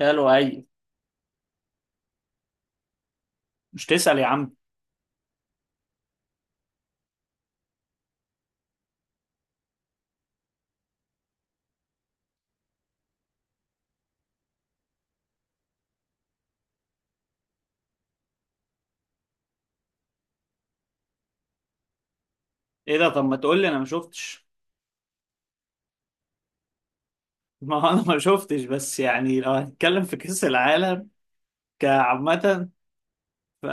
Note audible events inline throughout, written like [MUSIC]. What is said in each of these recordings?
قالوا اي. مش تسأل يا عم. ايه ده؟ طب ما تقول لي، انا ما شفتش. [LAUGHS] ما هو انا ما شفتش، بس يعني لو هنتكلم في كأس العالم كعامة ف...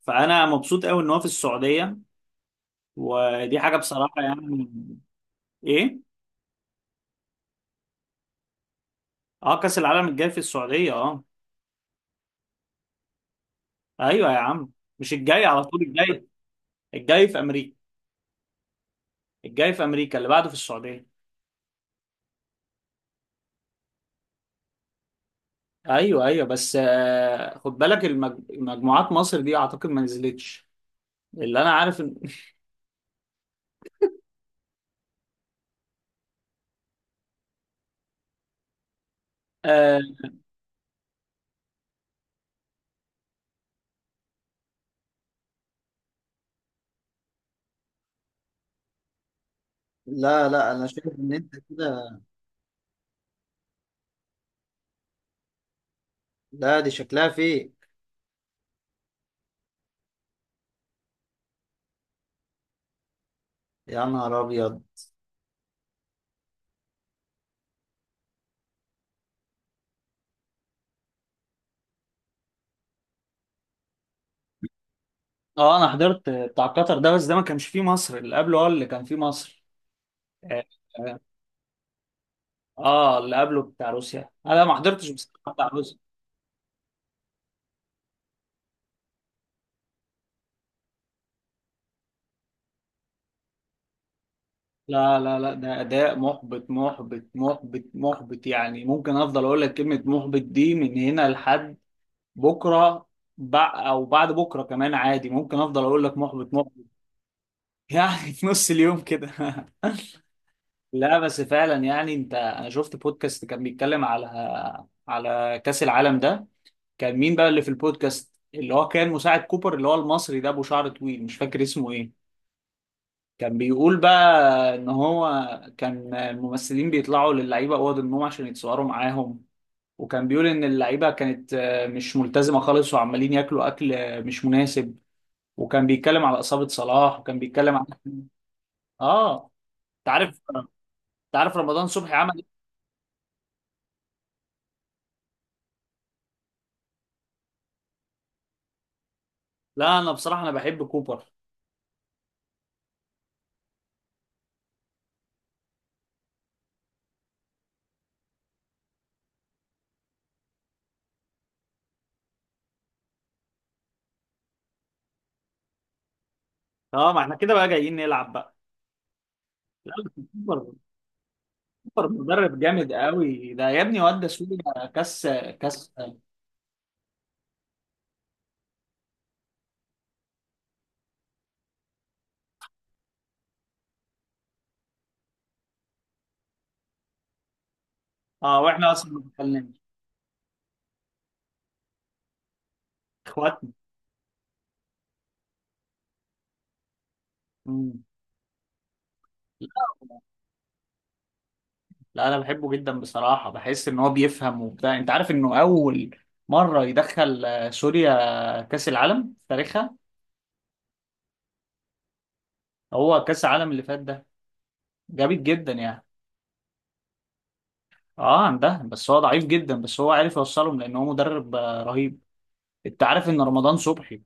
فانا مبسوط قوي ان هو في السعودية، ودي حاجة بصراحة يعني. ايه، اه، كأس العالم الجاي في السعودية اه. ايوه يا عم، مش الجاي على طول، الجاي، الجاي في امريكا. الجاي في امريكا، اللي بعده في السعودية. ايوه ايوه بس خد بالك مجموعات مصر دي اعتقد ما نزلتش، اللي انا عارف ان. [LAUGHS] لا لا، انا شايف ان انت كده. لا، دي شكلها فيك. يا نهار ابيض. اه انا حضرت بتاع قطر ده، بس ده ما كانش فيه مصر، اللي قبله هو اللي كان فيه مصر. اه. آه، اللي قبله بتاع روسيا، انا ما حضرتش بصراحه بتاع روسيا. لا لا لا، ده اداء محبط محبط محبط محبط، يعني ممكن افضل اقول لك كلمه محبط دي من هنا لحد بكره، او بعد بكره كمان، عادي ممكن افضل اقول لك محبط محبط. [LAUGHS] يعني في نص اليوم كده. لا بس فعلا يعني انت، انا شفت بودكاست كان بيتكلم على، على كأس العالم ده. كان مين بقى اللي في البودكاست اللي هو كان مساعد كوبر، اللي هو المصري ده ابو شعر طويل، مش فاكر اسمه ايه. كان بيقول بقى ان هو كان الممثلين بيطلعوا للعيبه اوض النوم عشان يتصوروا معاهم. وكان بيقول ان اللعيبه كانت مش ملتزمه خالص، وعمالين ياكلوا اكل مش مناسب. وكان بيتكلم على اصابه صلاح، وكان بيتكلم على. اه. تعرف تعرف رمضان صبحي عمل. لا انا بصراحه انا بحب كوبر. اه ما احنا كده بقى جايين نلعب بقى. لا بس كوبر، كوبر مدرب جامد قوي ده يا ابني، واد سوريا كاس. كاس. اه واحنا اصلا ما بنتكلمش. اخواتنا. مم. لا انا بحبه جدا بصراحه، بحس ان هو بيفهم وبتاع. انت عارف انه اول مره يدخل سوريا كاس العالم في تاريخها. هو كاس العالم اللي فات ده جامد جدا يعني. اه عندها، بس هو ضعيف جدا، بس هو عارف يوصلهم لان هو مدرب رهيب. انت عارف ان رمضان صبحي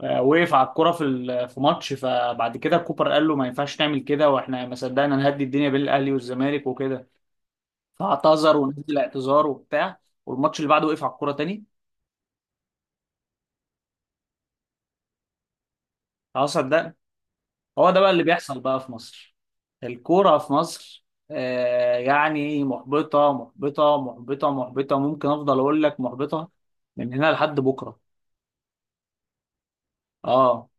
وقف على الكرة في ماتش، فبعد كده كوبر قال له ما ينفعش نعمل كده، واحنا ما صدقنا نهدي الدنيا بين الاهلي والزمالك وكده، فاعتذر ونزل اعتذار وبتاع. والماتش اللي بعده وقف على الكرة تاني. خلاص صدقنا. هو ده بقى اللي بيحصل بقى في مصر. الكورة في مصر يعني محبطة محبطة محبطة محبطة، ممكن افضل اقول لك محبطة من هنا لحد بكرة. اه.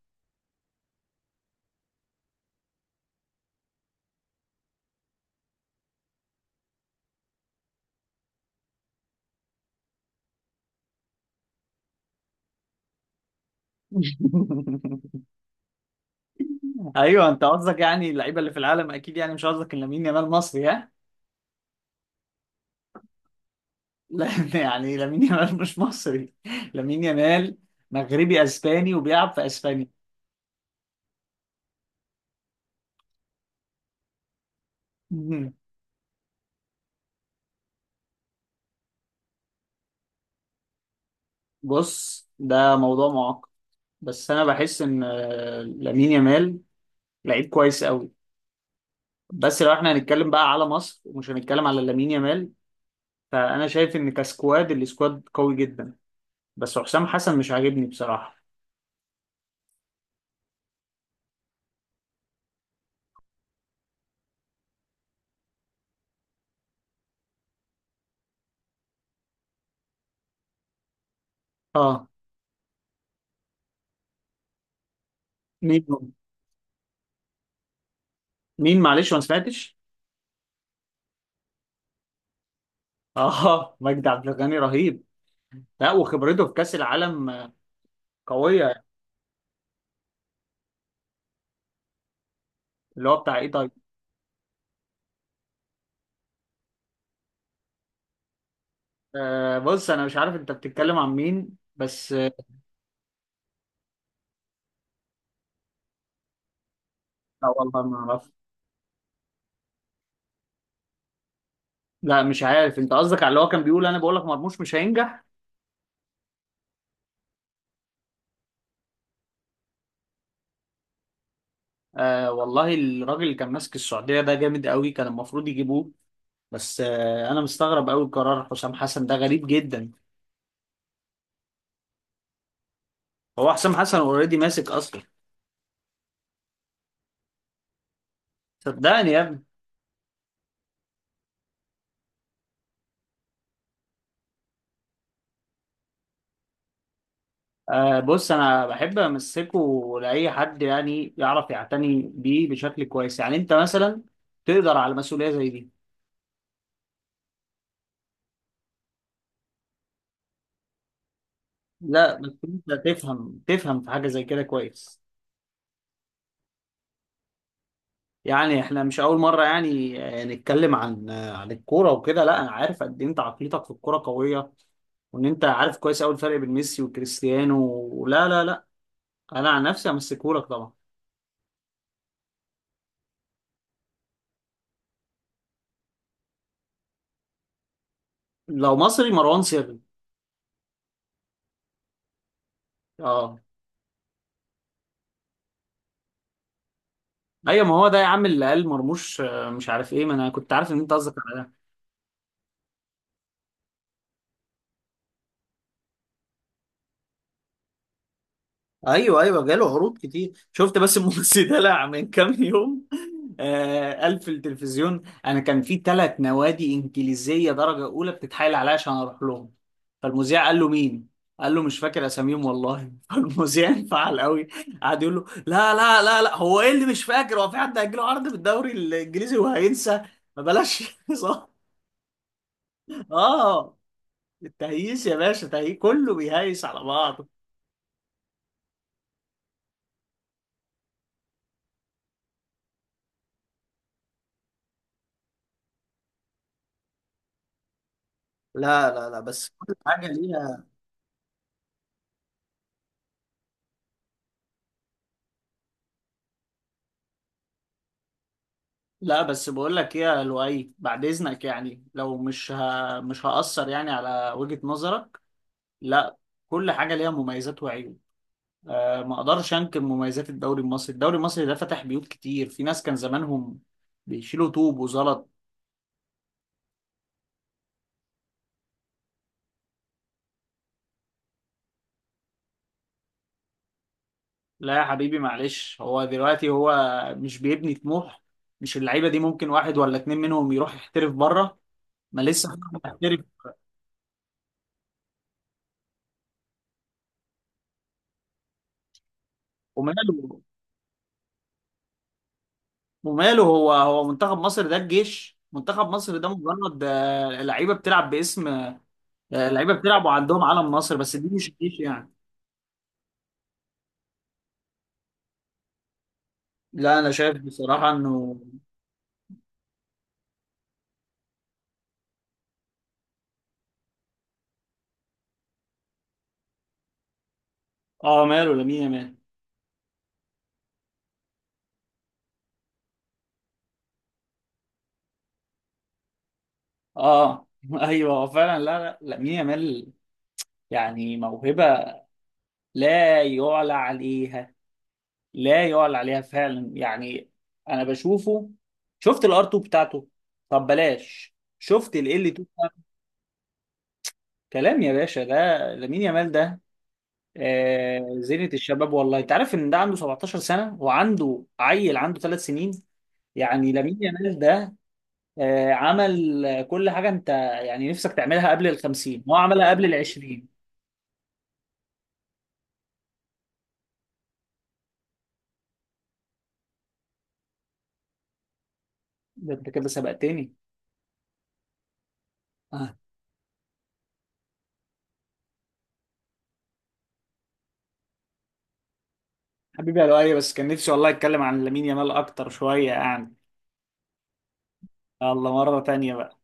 [LAUGHS] ايوه انت قصدك يعني اللعيبه اللي في العالم، اكيد يعني مش قصدك إن لامين يامال مصري. لا. [LAUGHS] يعني لامين يامال مش مصري، لامين يامال مغربي اسباني وبيلعب في اسبانيا. مهم. بص ده موضوع معقد، بس انا بحس ان لامين يامال لعيب كويس قوي. بس لو احنا هنتكلم بقى على مصر، ومش هنتكلم على لامين يامال، فانا شايف ان السكواد قوي جدا، بس حسام حسن مش عاجبني بصراحة. اه. مين؟ مين، معلش ما سمعتش. [LAUGHS] اه مجدي عبد الغني رهيب، لا وخبرته في كاس العالم قوية. اللي هو بتاع ايه؟ أه بص انا مش عارف انت بتتكلم عن مين، بس آه، لا والله ما اعرف. لا مش عارف، انت قصدك على اللي هو كان بيقول انا بقول لك مرموش مش هينجح. أه والله الراجل اللي كان ماسك السعوديه ده جامد قوي، كان المفروض يجيبوه. بس أه انا مستغرب قوي، قرار حسام حسن ده غريب جدا. هو حسام حسن اوريدي ماسك اصلا. صدقني يا ابني. أه بص انا بحب امسكه لاي حد يعني يعرف يعتني بيه بشكل كويس. يعني انت مثلا تقدر على مسؤوليه زي دي؟ لا بس انت تفهم في حاجه زي كده كويس، يعني احنا مش اول مره يعني نتكلم عن عن الكوره وكده. لا انا عارف قد ايه انت عقليتك في الكوره قويه، وان انت عارف كويس قوي الفرق بين ميسي وكريستيانو. لا لا لا، انا عن نفسي همسكهولك طبعا. لو مصري مروان سري. اه. ايوه ما هو ده يا عم اللي قال مرموش مش عارف ايه، ما انا كنت عارف ان انت قصدك على ده. ايوه ايوه، جاله عروض كتير شفت، بس الممثل دلع من كام يوم. آه قال في التلفزيون انا كان في 3 نوادي انجليزيه درجه اولى بتتحايل عليا عشان اروح لهم. فالمذيع قال له مين؟ قال له مش فاكر اساميهم والله. [LAUGHS] فالمذيع انفعل قوي، قعد يقول له لا لا لا لا، هو ايه اللي مش فاكر؟ هو في حد هيجيله عرض في الدوري الانجليزي وهينسى؟ ما بلاش. [LAUGHS] صح. اه. التهييس يا باشا، تهييس كله بيهيس على بعضه. لا لا لا بس كل حاجه ليها. لا بس بقول لك ايه يا لؤي، بعد اذنك يعني لو مش هأثر يعني على وجهة نظرك. لا. كل حاجة ليها مميزات وعيوب. أه ما اقدرش انكر مميزات الدوري المصري، الدوري المصري ده فتح بيوت كتير، في ناس كان زمانهم بيشيلوا طوب وزلط. لا يا حبيبي معلش، هو دلوقتي هو مش بيبني طموح، مش اللعيبة دي ممكن واحد ولا اتنين منهم يروح يحترف بره، ما لسه. محترف، وماله. وماله، هو هو منتخب مصر ده الجيش؟ منتخب مصر ده مجرد لعيبه بتلعب باسم، لعيبه بتلعب وعندهم علم مصر، بس دي مش الجيش يعني. لا انا شايف بصراحه انه. اه ماله لامين يامال. اه [LAUGHS] ايوه هو فعلا، لا لا، لامين يامال يعني موهبه لا يعلى عليها، لا يعلى عليها فعلا يعني. انا بشوفه، شفت الار 2 بتاعته؟ طب بلاش، شفت ال ال 2؟ كلام يا باشا ده، لامين يامال ده زينة الشباب والله. انت عارف ان ده عنده 17 سنة وعنده عيل عنده 3 سنين؟ يعني لامين يامال ده عمل كل حاجة انت يعني نفسك تعملها قبل ال 50، هو عملها قبل ال 20. ده انت كده سبقتني. آه، حبيبي يا لؤي بس كان نفسي والله اتكلم عن لامين يامال اكتر شوية يعني. الله مرة تانية بقى.